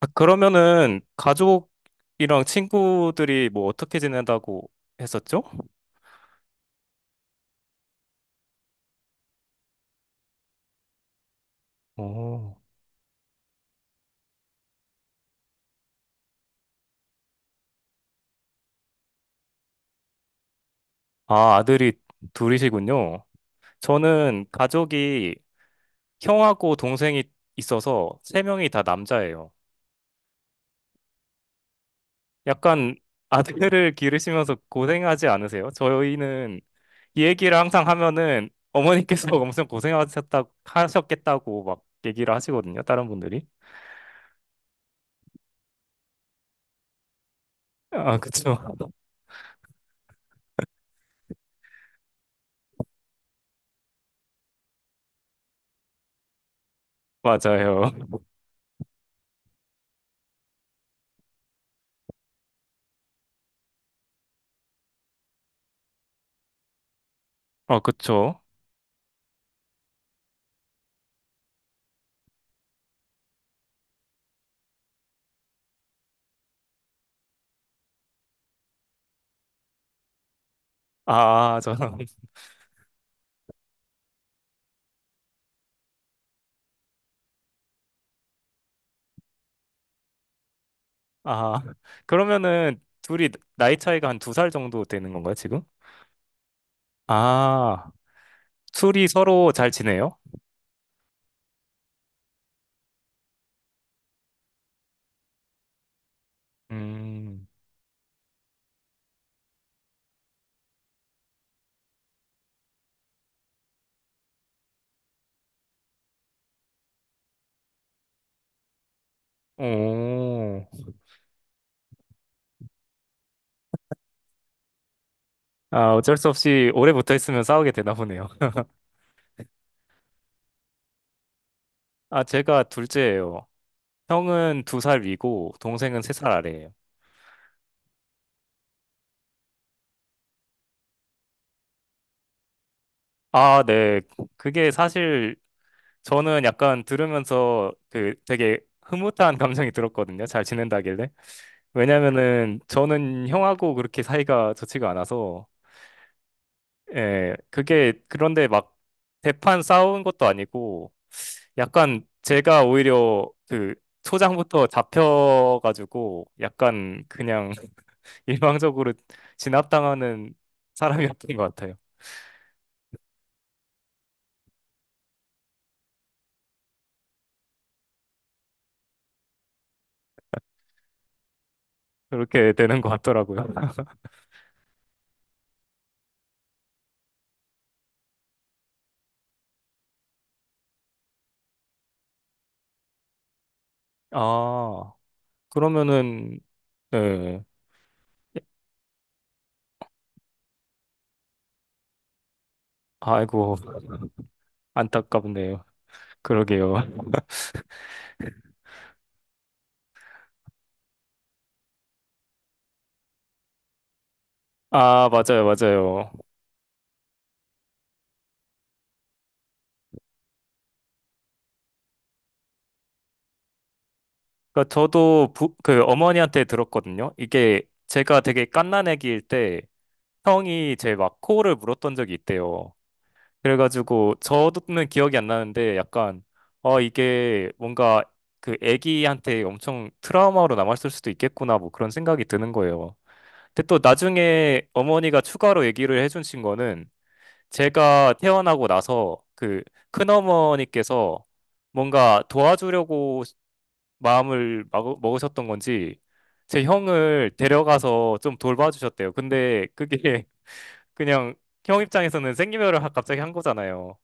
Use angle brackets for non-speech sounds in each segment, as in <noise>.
아, 그러면은 가족이랑 친구들이 뭐 어떻게 지낸다고 했었죠? 오. 아, 아들이 둘이시군요. 저는 가족이 형하고 동생이 있어서 세 명이 다 남자예요. 약간 아들을 기르시면서 고생하지 않으세요? 저희는 이 얘기를 항상 하면은 어머니께서 <laughs> 엄청 고생하셨다 하셨겠다고 막 얘기를 하시거든요. 다른 분들이. 아, 그쵸. <laughs> 맞아요. 아, 그쵸. 아, 저는. 아, 그러면은 둘이 나이 차이가 한 두 살 정도 되는 건가요, 지금? 아, 둘이 서로 잘 지내요? 음. 오. 아, 어쩔 수 없이 오래 붙어 있으면 싸우게 되나 보네요. <laughs> 아, 제가 둘째예요. 형은 두 살 위고, 동생은 세 살 아래예요. 아, 네. 그게 사실 저는 약간 들으면서 그 되게 흐뭇한 <laughs> 감정이 들었거든요. 잘 지낸다길래. 왜냐면은 저는 형하고 그렇게 사이가 좋지가 않아서. 예, 그게 그런데 막 대판 싸운 것도 아니고 약간 제가 오히려 그 초장부터 잡혀가지고 약간 그냥 <laughs> 일방적으로 진압당하는 사람이었던 것 같아요. 그렇게 되는 것 같더라고요. <laughs> 아, 그러면은 네. 아이고. 안타깝네요. 그러게요. 아, 맞아요, 맞아요. 그러니까 그 어머니한테 들었거든요. 이게 제가 되게 갓난 애기일때 형이 제 막 코를 물었던 적이 있대요. 그래가지고 저도는 기억이 안 나는데 약간 어 이게 뭔가 그 애기한테 엄청 트라우마로 남았을 수도 있겠구나 뭐 그런 생각이 드는 거예요. 근데 또 나중에 어머니가 추가로 얘기를 해주신 거는 제가 태어나고 나서 그 큰어머니께서 뭔가 도와주려고 먹으셨던 건지 제 형을 데려가서 좀 돌봐주셨대요. 근데 그게 그냥 형 입장에서는 갑자기 한 거잖아요.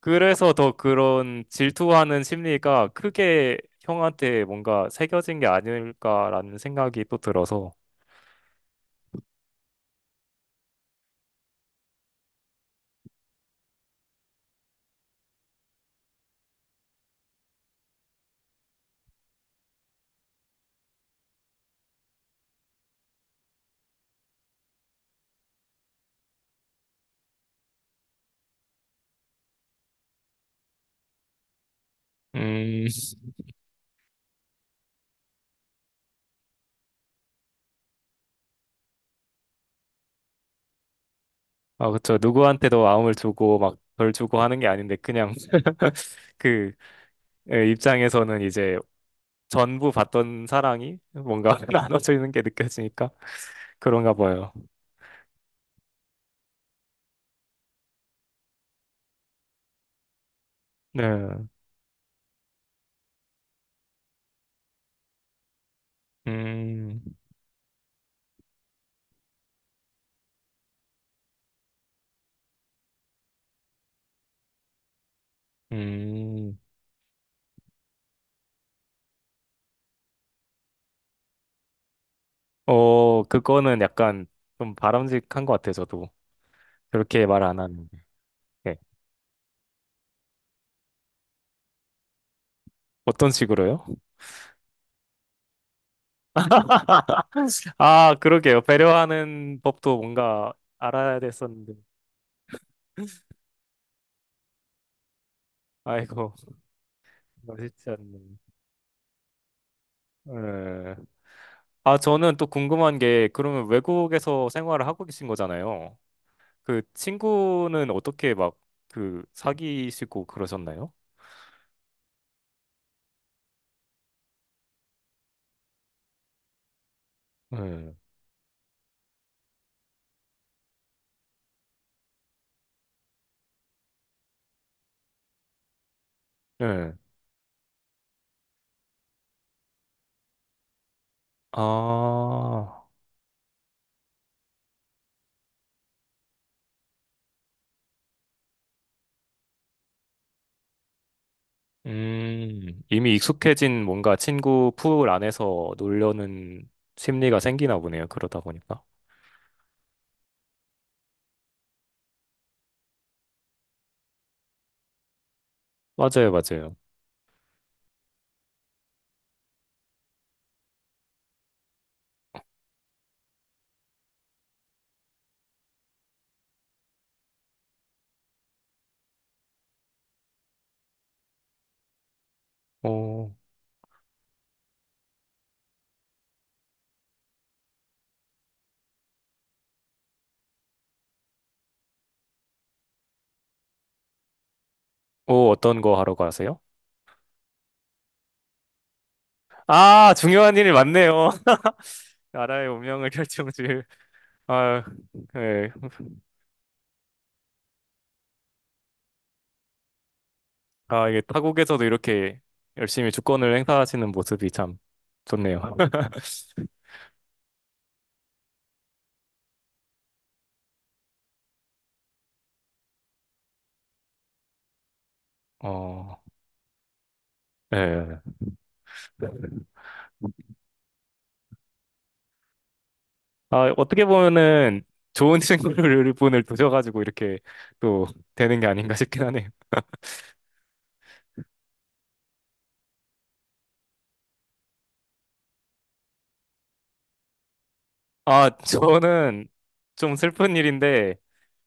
그래서 더 그런 질투하는 심리가 크게 형한테 뭔가 새겨진 게 아닐까라는 생각이 또 들어서. 음. 아, 그쵸. 누구한테도 마음을 주고 막 덜 주고 하는 게 아닌데 그냥 <laughs> 그. 예, 입장에서는 이제 전부 받던 사랑이 뭔가 <laughs> 나눠져 있는 게 느껴지니까 그런가 봐요. 네. 음. 음. 어, 그거는 약간 좀 바람직한 것 같아요, 저도. 그렇게 말 안 하는데. 네. 어떤 식으로요? <laughs> 아, 그러게요. 배려하는 법도 뭔가 알아야 됐었는데. 아이고. 멋있지 않네. 예. 아, 저는 또 궁금한 게, 그러면 외국에서 생활을 하고 계신 거잖아요. 그 친구는 어떻게 막, 그, 사귀시고 그러셨나요? 예. 예. 아, 음, 이미 익숙해진 뭔가 친구 풀 안에서 놀려는 심리가 생기나 보네요. 그러다 보니까. 맞아요, 맞아요. 어. 어떤 거 하러 가세요? 아, 중요한 일이 많네요. <laughs> 나라의 운명을 결정질. 아, 예. 아, 이게 타국에서도 이렇게 열심히 주권을 행사하시는 모습이 참 좋네요. <laughs> 어. 예. 아, 어떻게 보면은 좋은 <laughs> 친구를 분을 두셔가지고 이렇게 또 되는 게 아닌가 싶긴 하네요. 아, 저는 좀 슬픈 일인데,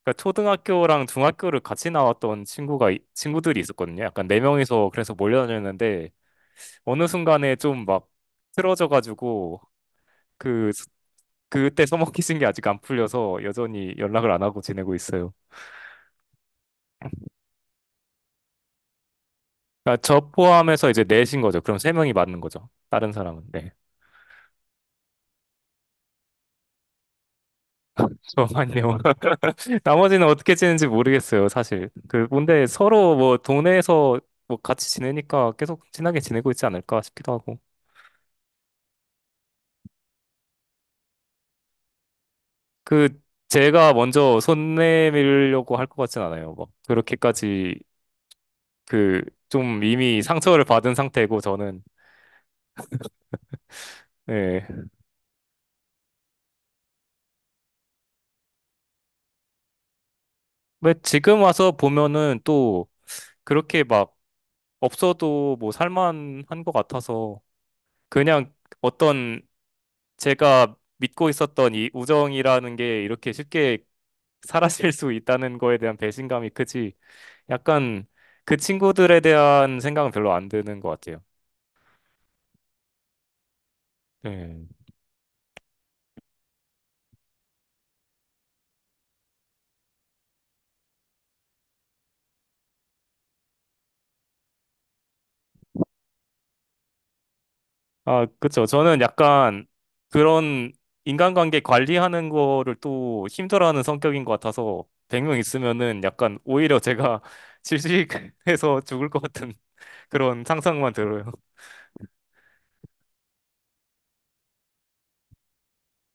그러니까 초등학교랑 중학교를 같이 나왔던 친구들이 있었거든요. 약간 네 명이서 그래서 몰려다녔는데, 어느 순간에 좀 막 틀어져가지고, 그, 스- 그때 써먹히신 게 아직 안 풀려서 여전히 연락을 안 하고 지내고 있어요. 그러니까 저 포함해서 이제 넷인 거죠. 그럼 세 명이 맞는 거죠. 다른 사람은. 네. <laughs> 저만요. 나머지는 어떻게 지내는지 모르겠어요, 사실. 그, 근데 서로 뭐 동네에서 뭐 같이 지내니까 계속 친하게 지내고 있지 않을까 싶기도 하고. 그, 제가 먼저 손 내밀려고 할 것 같진 않아요. 막, 그렇게까지 그, 좀 이미 상처를 받은 상태고, 저는. 예. 왜 지금 와서 보면은 또 그렇게 막 없어도 뭐 살만한 것 같아서 그냥 어떤 제가 믿고 있었던 이 우정이라는 게 이렇게 쉽게 사라질 수 있다는 거에 대한 배신감이 크지, 약간 그 친구들에 대한 생각은 별로 안 드는 것 같아요. 네. 아, 그쵸. 저는 약간 그런 인간관계 관리하는 거를 또 힘들어하는 성격인 것 같아서 100명 있으면은 약간 오히려 제가 <laughs> 질식해서 죽을 것 같은 그런 상상만 들어요.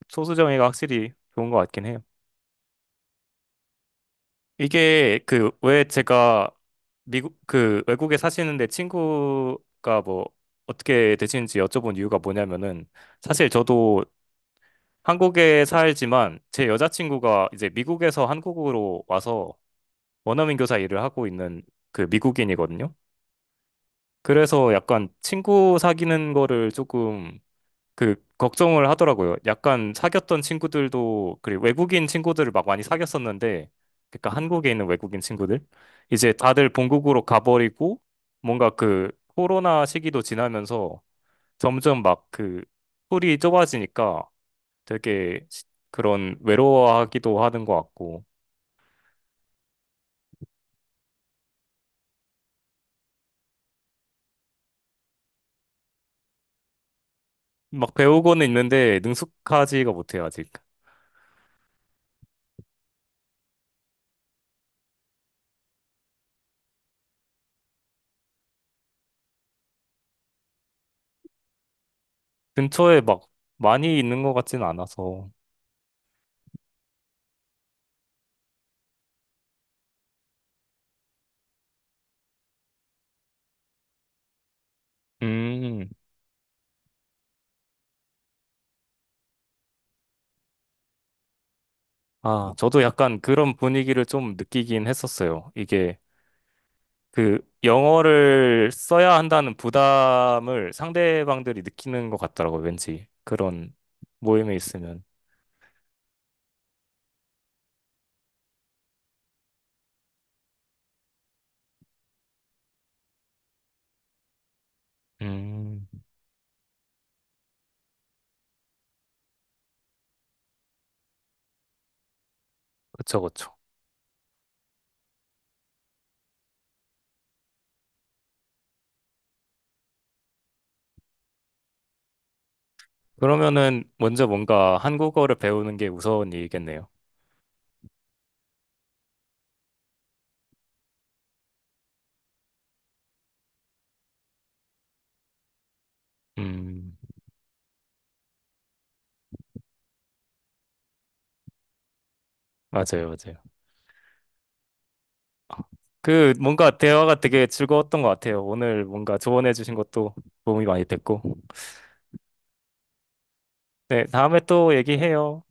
소수정예가 확실히 좋은 것 같긴 해요. 이게 그 왜 제가 미국 그 외국에 사시는데 친구가 뭐 어떻게 되시는지 여쭤본 이유가 뭐냐면은 사실 저도 한국에 살지만 제 여자친구가 이제 미국에서 한국으로 와서 원어민 교사 일을 하고 있는 그 미국인이거든요. 그래서 약간 친구 사귀는 거를 조금 그 걱정을 하더라고요. 약간 사귀었던 친구들도 그리고 외국인 친구들을 막 많이 사귀었었는데, 그러니까 한국에 있는 외국인 친구들 이제 다들 본국으로 가버리고 뭔가 그 코로나 시기도 지나면서 점점 막 그 풀이 좁아지니까 되게 시- 그런 외로워하기도 하는 것 같고. 막 배우고는 있는데 능숙하지가 못해요 아직. 근처에 막 많이 있는 것 같진 않아서. 음. 아, 저도 약간 그런 분위기를 좀 느끼긴 했었어요. 이게 그 영어를 써야 한다는 부담을 상대방들이 느끼는 것 같더라고요. 왠지 그런 모임에 있으면. 음, 그쵸, 그쵸. 그러면은 먼저 뭔가 한국어를 배우는 게 우선 일이겠네요. 음, 맞아요, 맞아요. 그 뭔가 대화가 되게 즐거웠던 것 같아요. 오늘 뭔가 조언해 주신 것도 도움이 많이 됐고. 네, 다음에 또 얘기해요.